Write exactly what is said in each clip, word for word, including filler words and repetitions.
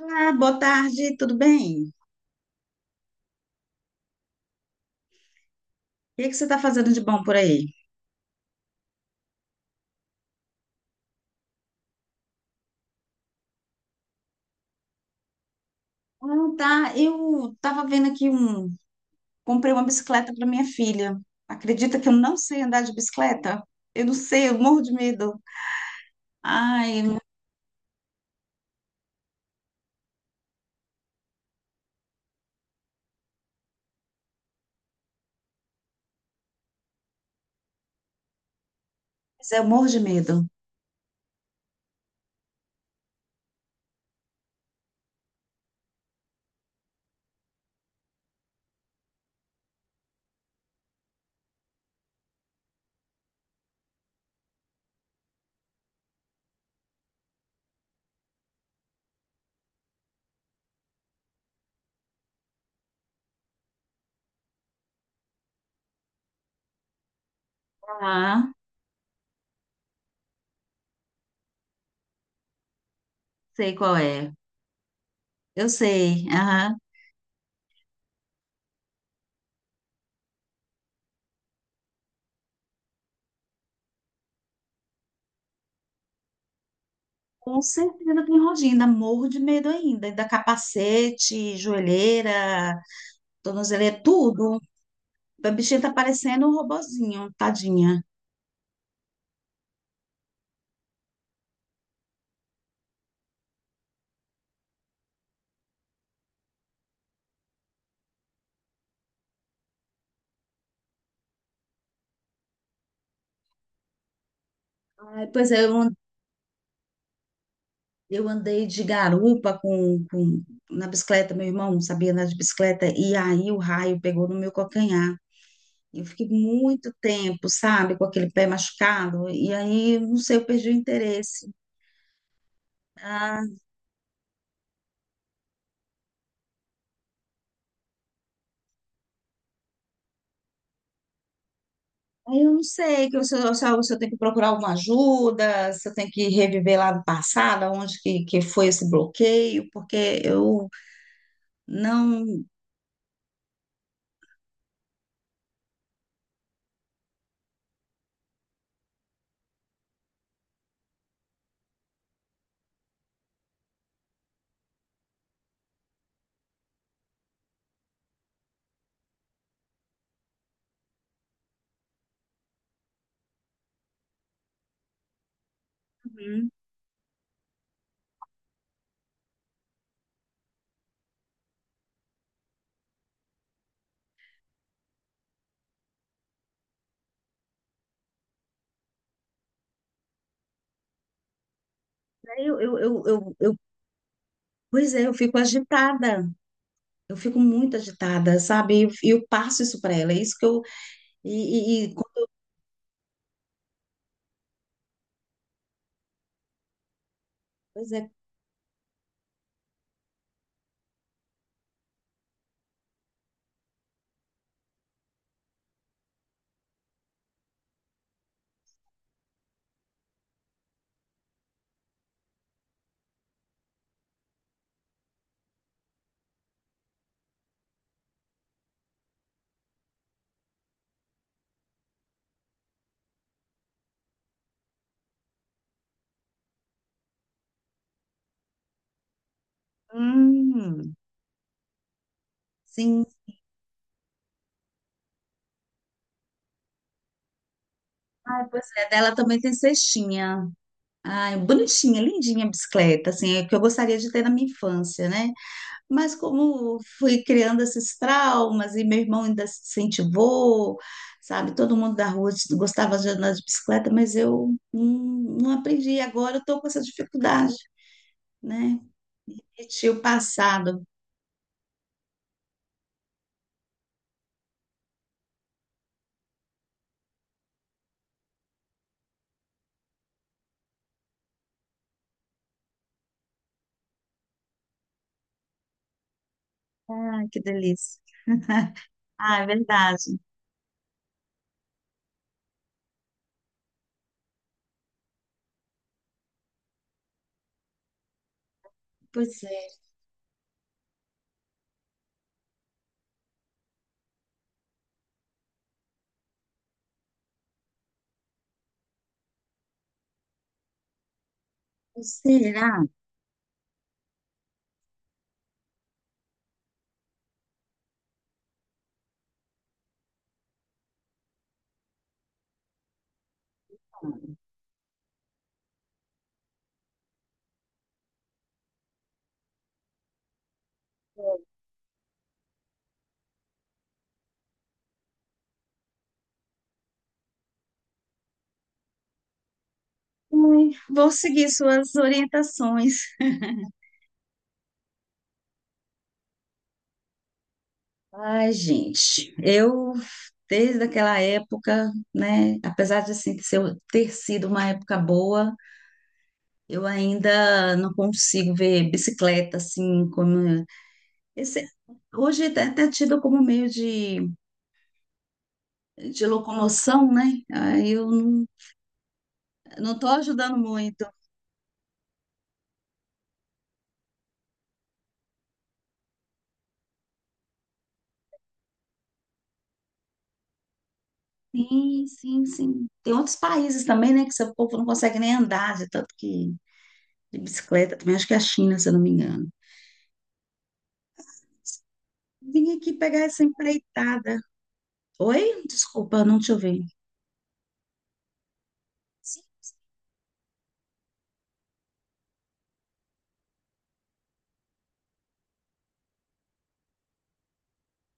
Ah, boa tarde, tudo bem? O que que você está fazendo de bom por aí? Ah, tá. Eu estava vendo aqui um. Comprei uma bicicleta para minha filha. Acredita que eu não sei andar de bicicleta? Eu não sei, eu morro de medo. Ai, mas eu morro de medo. Ah, sei qual é. Eu sei. Aham. Com certeza tem rodinha, ainda morro de medo ainda. Ainda capacete, joelheira, tornozeleira, tudo. A bichinha tá parecendo um robozinho, tadinha. Ai, pois é, eu Eu andei de garupa com, com- na bicicleta, meu irmão sabia andar de bicicleta, e aí o raio pegou no meu calcanhar. Eu fiquei muito tempo, sabe, com aquele pé machucado, e aí, não sei, eu perdi o interesse. Ah, aí eu não sei, que eu- se eu, se eu se eu tenho que procurar alguma ajuda, se eu tenho que reviver lá no passado, onde que, que foi esse bloqueio, porque eu não. Uhum. Aí Eu, eu, eu, eu, eu- pois é, eu fico agitada. Eu fico muito agitada, sabe? E eu, eu passo isso para ela. É isso que eu. E, e, e pois é. Hum, sim. Ah, pois é. Dela também tem cestinha. Ai, bonitinha, lindinha a bicicleta, assim, é que eu gostaria de ter na minha infância, né? Mas como fui criando esses traumas e meu irmão ainda se incentivou, sabe? Todo mundo da rua gostava de andar de bicicleta, mas eu hum, não aprendi. E agora eu estou com essa dificuldade, né? Repetir o passado. Ai, que delícia. Ah, é verdade. Pois é. Será? Ai, vou seguir suas orientações. Ai, gente, eu desde aquela época, né, apesar de assim, ser- ter sido uma época boa, eu ainda não consigo ver bicicleta assim como esse, hoje é até tido como meio de, de locomoção, né? Aí eu não, não estou ajudando muito. Sim, sim, sim. Tem outros países também, né, que seu povo não consegue nem andar, de tanto que de bicicleta. Também acho que é a China, se eu não me engano. Vim aqui pegar essa empreitada. Oi? Desculpa, não te ouvi. Sim,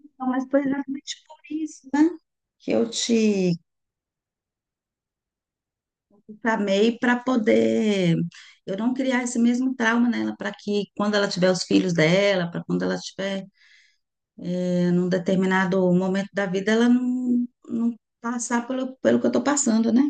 então, mas foi exatamente por isso, né? Que eu te chamei para poder eu não criar esse mesmo trauma nela, para que quando ela tiver os filhos dela, para quando ela tiver eh, num determinado momento da vida, ela não, não passar pelo, pelo que eu estou passando, né?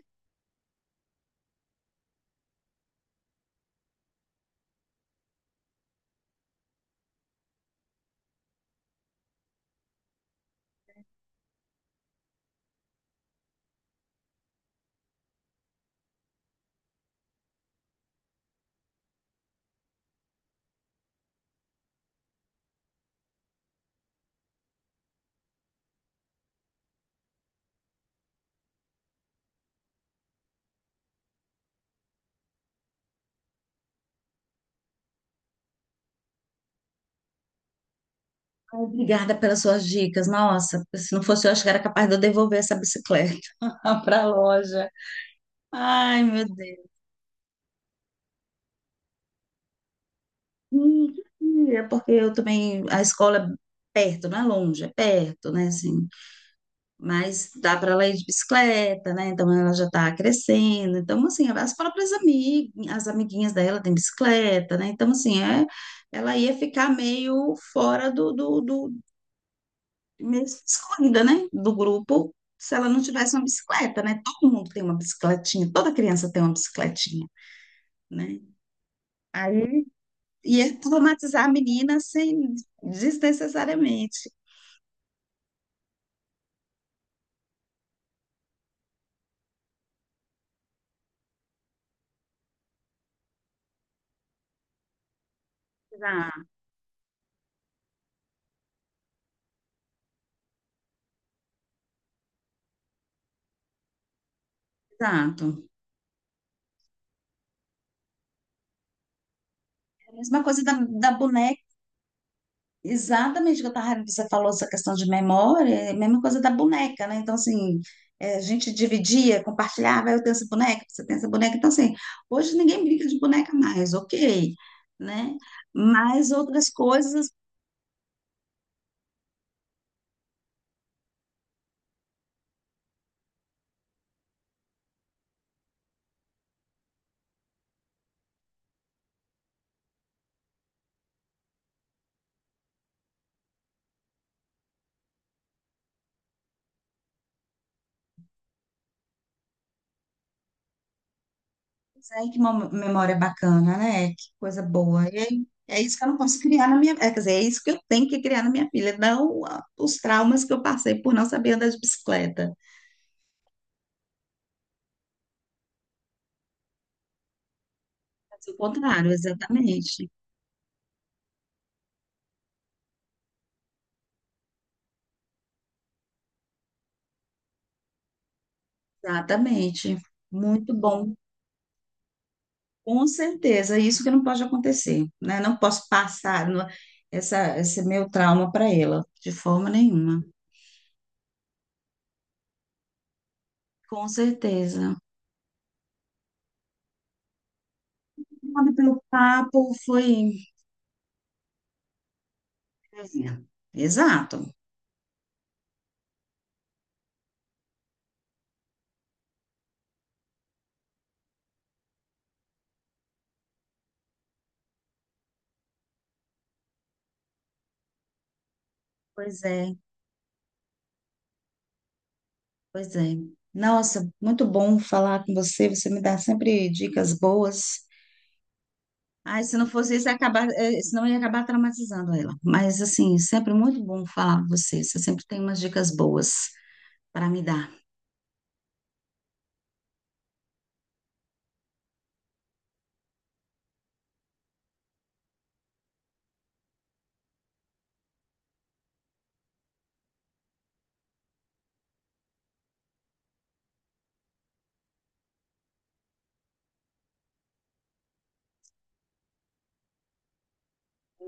Obrigada pelas suas dicas. Nossa, se não fosse eu, acho que era capaz de eu devolver essa bicicleta para a loja. Ai, meu Deus. Hum, É porque eu também, a escola é perto, não é longe, é perto, né, assim. Mas dá para ela ir de bicicleta, né? Então ela já está crescendo. Então, assim, as próprias amigas, as amiguinhas dela têm bicicleta, né? Então, assim, é, ela ia ficar meio fora mesmo excluída, né, do grupo, se ela não tivesse uma bicicleta, né? Todo mundo tem uma bicicletinha, toda criança tem uma bicicletinha, né? Aí ia traumatizar a menina sem desnecessariamente. Exato, exato. É a mesma coisa da, da boneca. Exatamente o que eu tava, você falou essa questão de memória, é a mesma coisa da boneca, né? Então, assim, é, a gente dividia, compartilhava, "Ah, eu tenho essa boneca, você tem essa boneca". Então, assim, hoje ninguém brinca de boneca mais, ok, né? Mas outras coisas, pois é, que mo- memória bacana, né? Que coisa boa. E aí, é isso que eu não posso criar na minha, é, quer dizer, é isso que eu tenho que criar na minha filha, não ah, os traumas que eu passei por não saber andar de bicicleta. Mas o contrário, exatamente. Exatamente. Muito bom. Com certeza, é isso que não pode acontecer, né? Não posso passar no- essa, esse meu trauma para ela, de forma nenhuma. Com certeza. Obrigada pelo papo, foi. Exato. Pois é, pois é. Nossa, muito bom falar com você, você me dá sempre dicas boas. Ai, se não fosse isso, ia acabar, eh, senão eu ia acabar traumatizando ela. Mas, assim, sempre muito bom falar com você, você sempre tem umas dicas boas para me dar.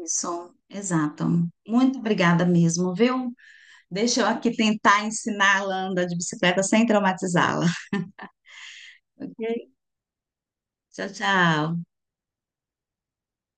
Isso, exato. Muito obrigada mesmo, viu? Deixa eu aqui tentar ensinar a Landa de bicicleta sem traumatizá-la. Ok? Tchau, tchau.